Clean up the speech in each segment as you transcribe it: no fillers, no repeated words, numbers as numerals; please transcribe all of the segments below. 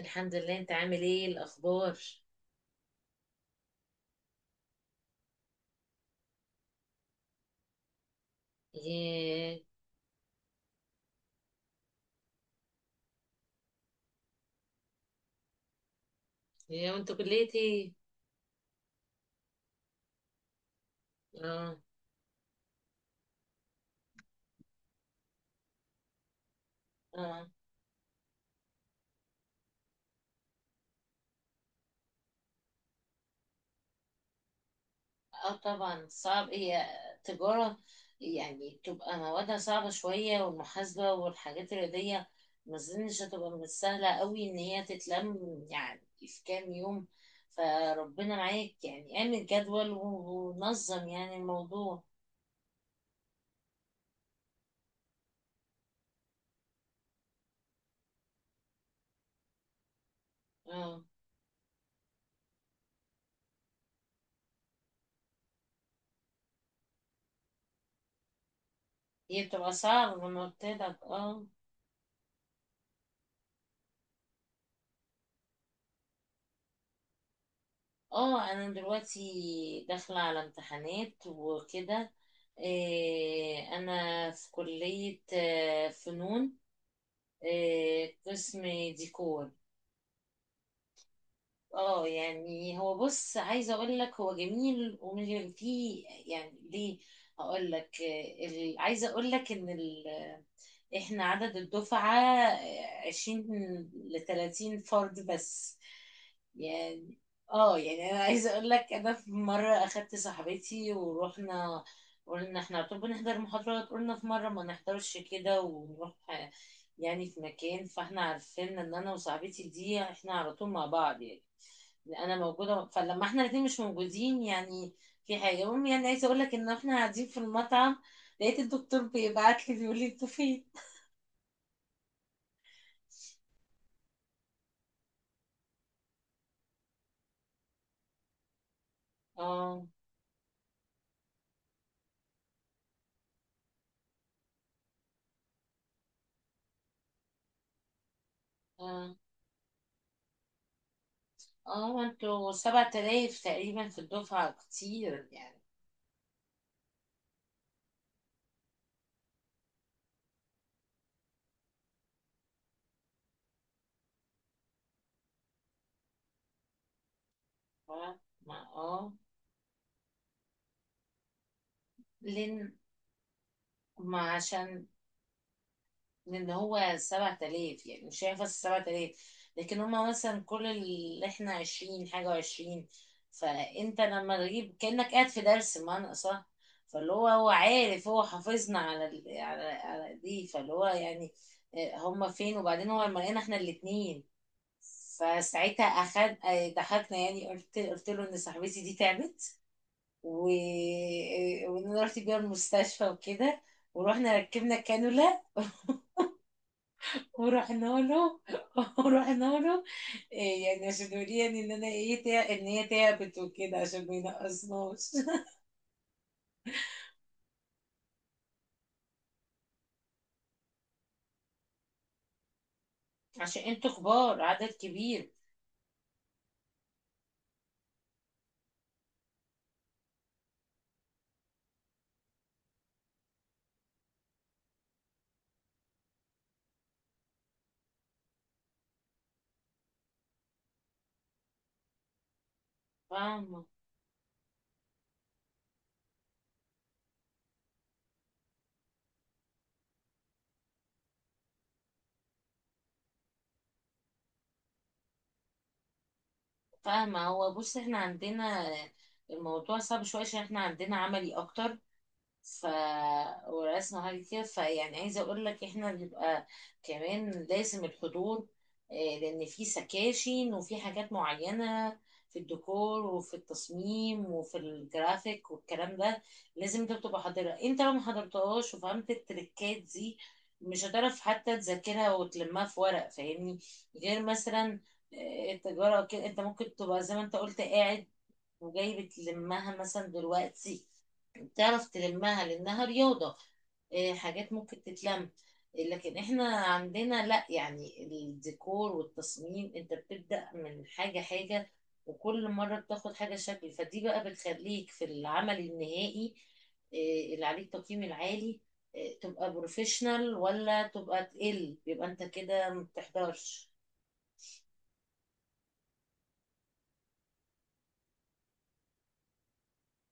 الحمد لله. انت عامل ايه؟ الاخبار؟ ياه. يا وانت كليتي ايه؟ اه، اه، اه، طبعا صعب. هي تجارة. يعني تبقى موادها صعبة شوية، والمحاسبة والحاجات الرياضية ما اظنش هتبقى من السهلة قوي ان هي تتلم يعني في كام يوم. فربنا معاك، يعني اعمل جدول ونظم يعني الموضوع. اه، هي بتبقى صعبة من قلت لك، اه. اه، انا دلوقتي داخلة على امتحانات وكده. إيه، انا في كلية فنون. إيه، قسم ديكور. اه، يعني هو بص، عايزه اقول لك هو جميل ومش جميل فيه، يعني ليه؟ اقول لك، عايزه اقول لك ان احنا عدد الدفعه 20 ل 30 فرد بس يعني. اه، يعني انا عايزه اقول لك، انا في مره اخدت صاحبتي ورحنا، قلنا احنا طب نحضر محاضرات، قلنا في مره ما نحضرش كده ونروح يعني في مكان. فاحنا عارفين ان انا وصاحبتي دي احنا على طول مع بعض، يعني انا موجوده، فلما احنا الاثنين مش موجودين يعني في حاجه. المهم يعني عايزه اقول لك ان احنا قاعدين في المطعم، لقيت الدكتور بيبعت لي بيقول لي انتوا فين. اه، اه، اه، انتوا 7000 تقريبا في الدفعه، كتير يعني. ف- ما اه لين، ما عشان، لان هو 7000 يعني، مش هينفع الـ7000. لكن هما مثلا كل اللي احنا 20 حاجة وعشرين، فانت لما تجيب كأنك قاعد في درس بمعنى صح. فاللي هو هو عارف، هو حافظنا على دي، فاللي هو يعني هما فين؟ وبعدين هو لما لقينا احنا الاتنين، فساعتها أخد ضحكنا. يعني قلت له ان صاحبتي دي تعبت و... آه، وان انا رحت بيها المستشفى وكده، ورحنا ركبنا كانولا، ورحنا له ورحنا له. إيه، يعني عشان يوريني ان انا ايه، ان هي تعبت وكده عشان ما ينقصناش. عشان انتوا كبار، عدد كبير. فاهمة، فاهمة. هو بص، احنا عندنا الموضوع صعب شوية عشان احنا عندنا عملي اكتر، ف ورسمة حاجة كده. فيعني عايزة أقول لك إحنا بنبقى كمان لازم الحضور، لأن في سكاشن وفي حاجات معينة في الديكور وفي التصميم وفي الجرافيك والكلام ده. لازم أنت بتبقى حاضرها. أنت لو ما حضرتهاش وفهمت التريكات دي، مش هتعرف حتى تذاكرها وتلمها في ورق، فاهمني؟ غير مثلا التجارة أو كده، أنت ممكن تبقى زي ما أنت قلت قاعد وجاي بتلمها مثلا دلوقتي، تعرف تلمها لانها رياضة. إيه، حاجات ممكن تتلم. لكن احنا عندنا لا، يعني الديكور والتصميم انت بتبدأ من حاجة حاجة، وكل مرة بتاخد حاجة شكل. فدي بقى بتخليك في العمل النهائي، إيه، اللي عليك تقييم العالي، إيه، تبقى بروفيشنال ولا تبقى تقل. يبقى انت كده ما بتحضرش.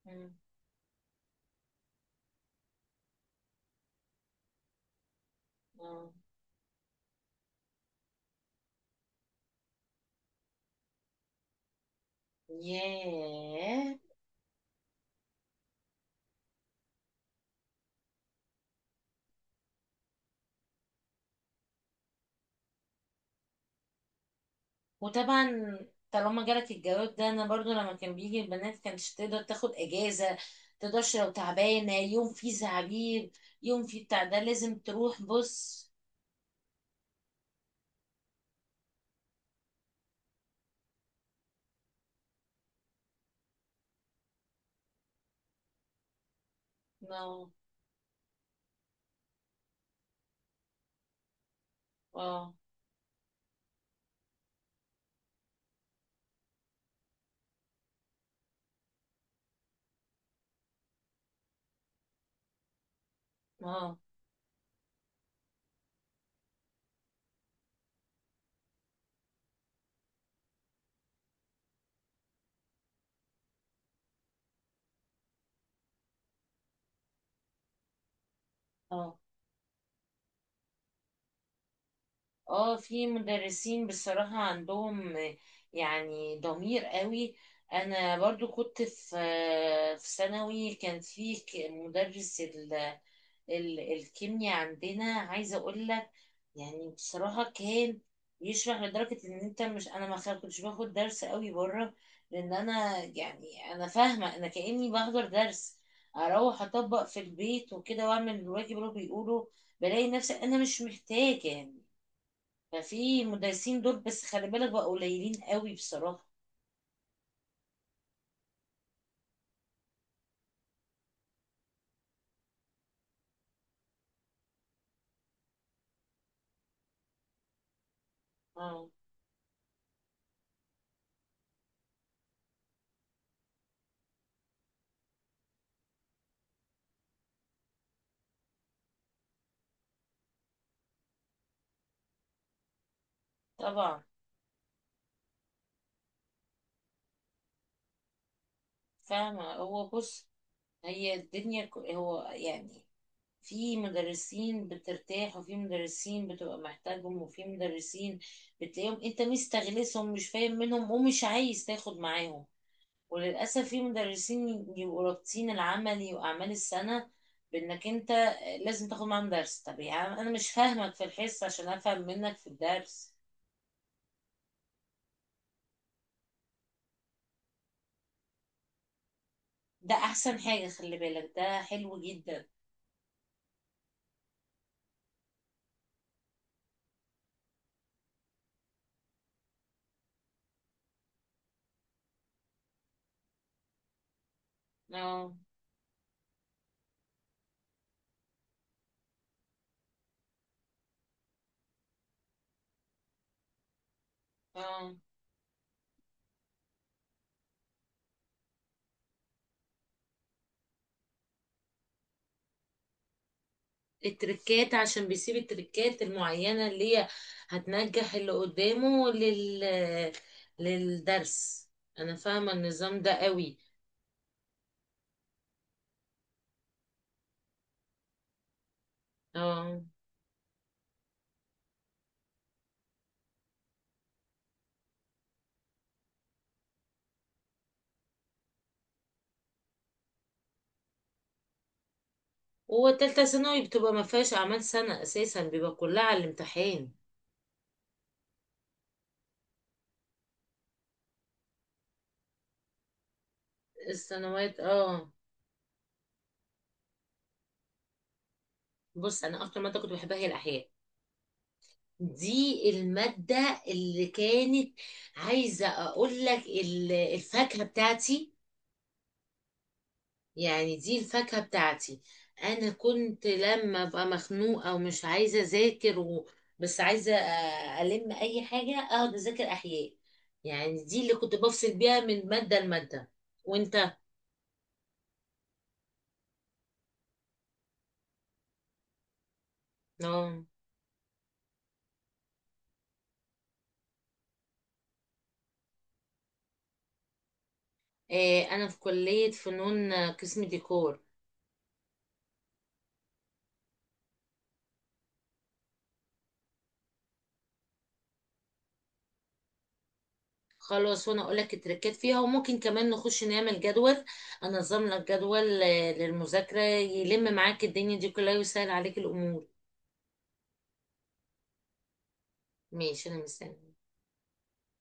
مم. اه، ياه. وطبعا طالما جالك الجواب ده، انا برضو لما كان بيجي البنات كانتش تقدر تاخد اجازه. تقدرش، لو تعبانه يوم فيه زعبيب يوم فيه بتاع ده لازم تروح، بص. ما، اه، اه، اه، اه، في مدرسين بصراحة عندهم يعني ضمير قوي. انا برضو كنت في ثانوي. كان في مدرس ال ال الكيمياء عندنا، عايزة اقول لك يعني بصراحة كان يشرح لدرجة ان انت مش، انا ما كنتش باخد درس قوي بره. لان انا يعني انا فاهمة، انا كأني بحضر درس، اروح اطبق في البيت وكده، واعمل الواجب اللي هو بيقوله، بلاقي نفسي انا مش محتاجة يعني. ففي مدرسين دول، بس خلي بالك بقى قليلين قوي بصراحة. اه طبعا. فاهمة. هو بص، هي الدنيا هو يعني في مدرسين بترتاح، وفي مدرسين بتبقى محتاجهم، وفي مدرسين بتلاقيهم انت مستغلسهم مش فاهم منهم ومش عايز تاخد معاهم. وللأسف في مدرسين يبقوا رابطين العملي وأعمال السنة بإنك أنت لازم تاخد معاهم درس. طب يا عم، أنا مش فاهمك في الحصة عشان أفهم منك في الدرس؟ ده احسن حاجة، خلي بالك ده حلو جدا. اه، اه، التركات عشان بيسيب التركات المعينة اللي هي هتنجح اللي قدامه للدرس. انا فاهمة النظام ده قوي. اه، هو تالتة ثانوي بتبقى ما فيهاش اعمال سنة اساسا، بيبقى كلها على الامتحان. السنوات، اه. بص، انا اكتر مادة كنت بحبها هي الاحياء. دي المادة اللي كانت، عايزة اقول لك الفاكهة بتاعتي. يعني دي الفاكهة بتاعتي. انا كنت لما ابقى مخنوقة ومش عايزة اذاكر بس عايزة الم اي حاجة، اقعد اذاكر احياء. يعني دي اللي كنت بفصل بيها من مادة لمادة. وانت؟ اه، انا في كلية فنون، قسم ديكور. خلاص، وانا اقول لك التركات فيها. وممكن كمان نخش نعمل جدول، انظم لك جدول للمذاكرة، يلم معاك الدنيا دي كلها ويسهل عليك الامور. ماشي، انا مستني.